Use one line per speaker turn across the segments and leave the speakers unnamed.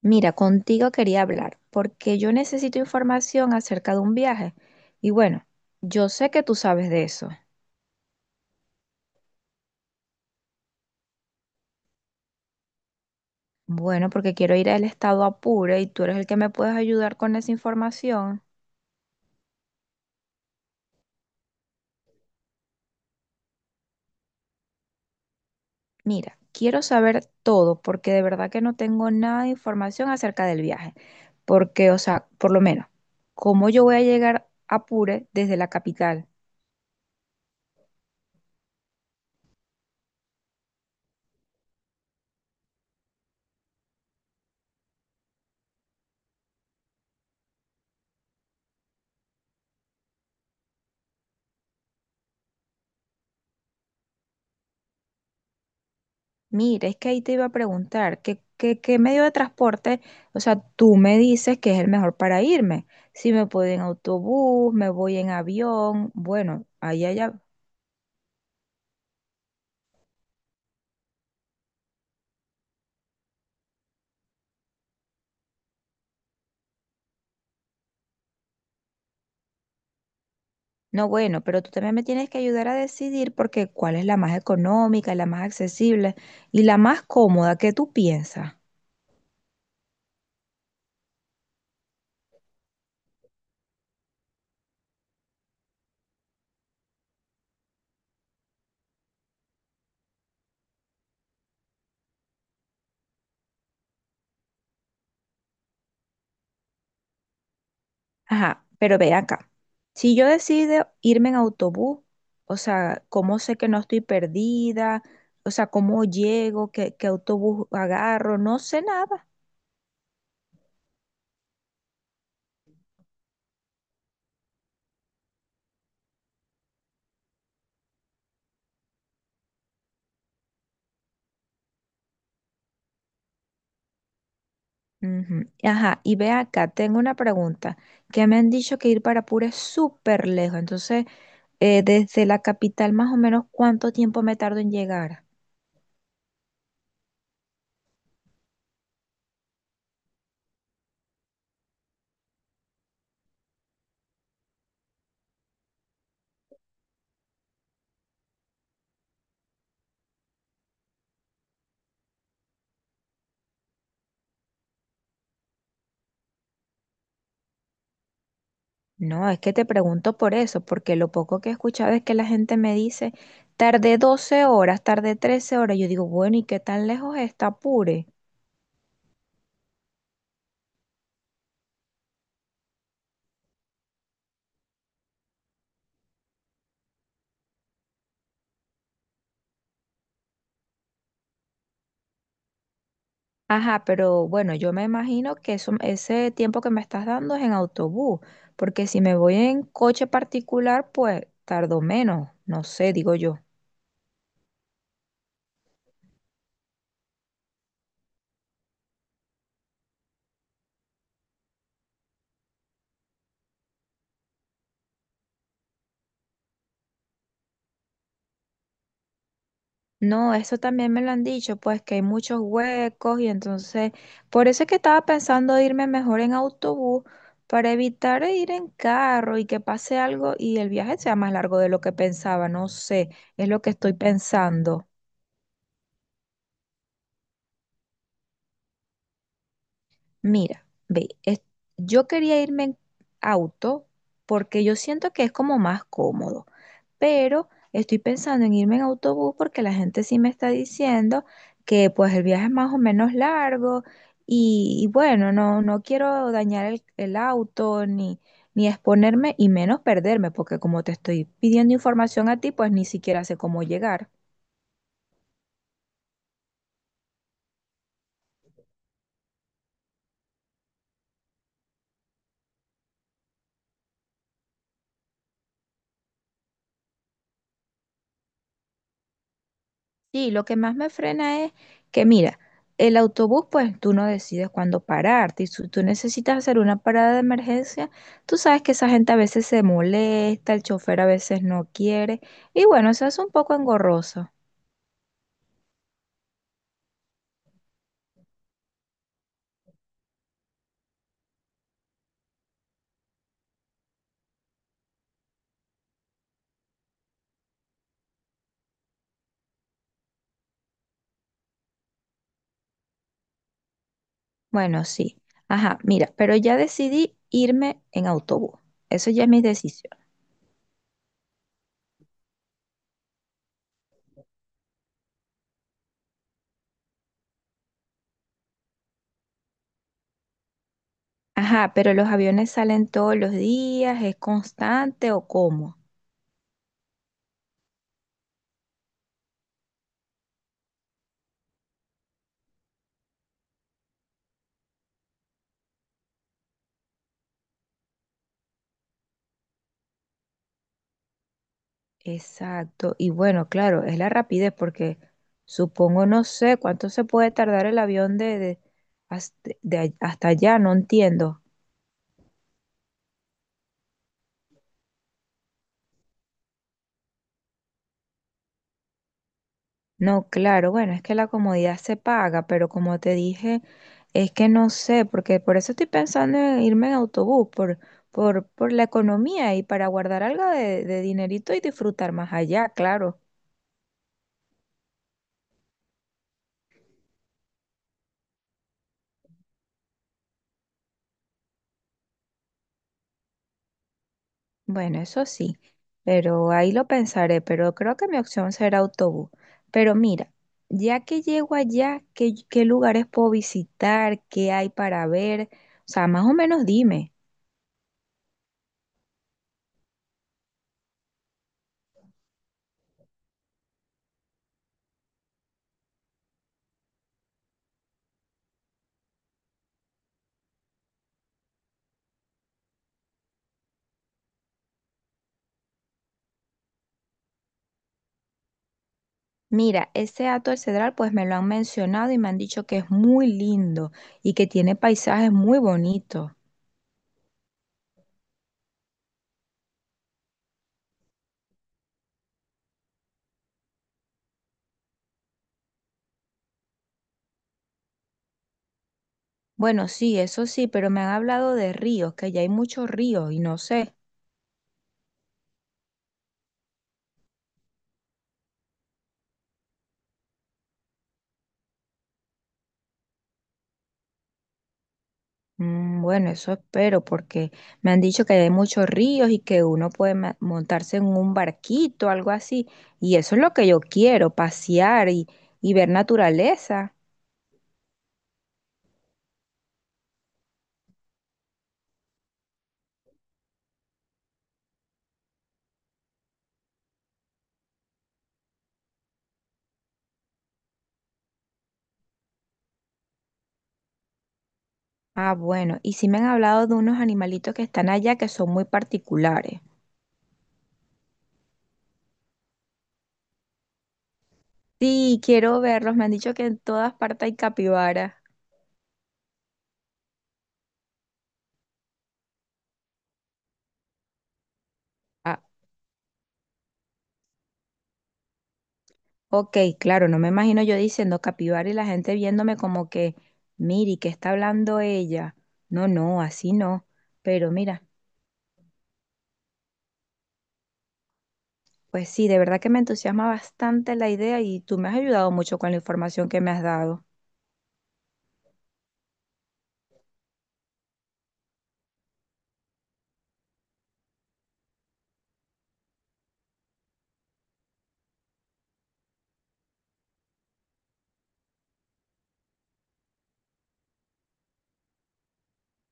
Mira, contigo quería hablar porque yo necesito información acerca de un viaje. Y bueno, yo sé que tú sabes de eso. Bueno, porque quiero ir al estado Apure y tú eres el que me puedes ayudar con esa información. Mira, quiero saber todo porque de verdad que no tengo nada de información acerca del viaje. Porque, o sea, por lo menos, ¿cómo yo voy a llegar a Apure desde la capital? Mira, es que ahí te iba a preguntar, ¿qué medio de transporte? O sea, tú me dices que es el mejor para irme. Si me puedo ir en autobús, me voy en avión, bueno, ahí allá. No, bueno, pero tú también me tienes que ayudar a decidir porque cuál es la más económica, la más accesible y la más cómoda que tú piensas. Ajá, pero ve acá. Si yo decido irme en autobús, o sea, ¿cómo sé que no estoy perdida? O sea, ¿cómo llego? ¿Qué autobús agarro? No sé nada. Ujú. Ajá, y ve acá, tengo una pregunta, que me han dicho que ir para Pura es súper lejos, entonces, desde la capital más o menos, ¿cuánto tiempo me tardo en llegar? No, es que te pregunto por eso, porque lo poco que he escuchado es que la gente me dice, tardé 12 horas, tardé 13 horas. Yo digo, bueno, ¿y qué tan lejos está Apure? Ajá, pero bueno, yo me imagino que eso, ese tiempo que me estás dando es en autobús, porque si me voy en coche particular, pues tardo menos, no sé, digo yo. No, eso también me lo han dicho, pues que hay muchos huecos y entonces, por eso es que estaba pensando irme mejor en autobús para evitar ir en carro y que pase algo y el viaje sea más largo de lo que pensaba, no sé, es lo que estoy pensando. Mira, ve, yo quería irme en auto porque yo siento que es como más cómodo, pero estoy pensando en irme en autobús porque la gente sí me está diciendo que pues el viaje es más o menos largo y bueno, no, no quiero dañar el auto ni exponerme y menos perderme porque como te estoy pidiendo información a ti, pues ni siquiera sé cómo llegar. Sí, lo que más me frena es que, mira, el autobús, pues tú no decides cuándo pararte. Y si tú necesitas hacer una parada de emergencia, tú sabes que esa gente a veces se molesta, el chofer a veces no quiere. Y bueno, eso es un poco engorroso. Bueno, sí. Ajá, mira, pero ya decidí irme en autobús. Eso ya es mi decisión. Ajá, pero los aviones salen todos los días, ¿es constante o cómo? Exacto. Y bueno, claro, es la rapidez porque supongo, no sé cuánto se puede tardar el avión hasta, hasta allá, no entiendo. No, claro, bueno, es que la comodidad se paga, pero como te dije, es que no sé, porque por eso estoy pensando en irme en autobús, por la economía y para guardar algo de dinerito y disfrutar más allá, claro. Bueno, eso sí, pero ahí lo pensaré, pero creo que mi opción será autobús. Pero mira, ya que llego allá, ¿qué lugares puedo visitar? ¿Qué hay para ver? O sea, más o menos dime. Mira, ese Hato del Cedral, pues me lo han mencionado y me han dicho que es muy lindo y que tiene paisajes muy bonitos. Bueno, sí, eso sí, pero me han hablado de ríos, que allá hay muchos ríos y no sé. Mm, bueno, eso espero porque me han dicho que hay muchos ríos y que uno puede montarse en un barquito, algo así. Y eso es lo que yo quiero, pasear y ver naturaleza. Ah, bueno, y sí me han hablado de unos animalitos que están allá que son muy particulares. Sí, quiero verlos. Me han dicho que en todas partes hay capibara. Ah, ok, claro, no me imagino yo diciendo capibara y la gente viéndome como que, miri, ¿qué está hablando ella? No, no, así no. Pero mira. Pues sí, de verdad que me entusiasma bastante la idea y tú me has ayudado mucho con la información que me has dado.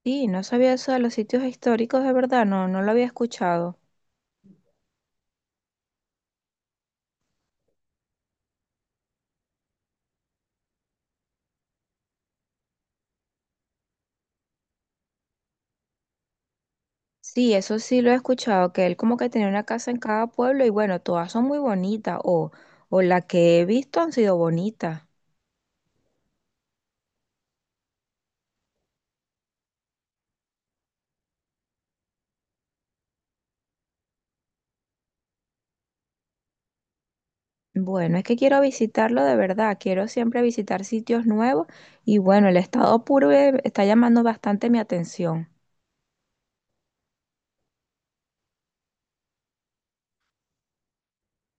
Sí, no sabía eso de los sitios históricos, de verdad, no, no lo había escuchado. Sí, eso sí lo he escuchado, que él como que tenía una casa en cada pueblo y bueno, todas son muy bonitas o la que he visto han sido bonitas. Bueno, es que quiero visitarlo de verdad, quiero siempre visitar sitios nuevos y bueno, el estado puro está llamando bastante mi atención.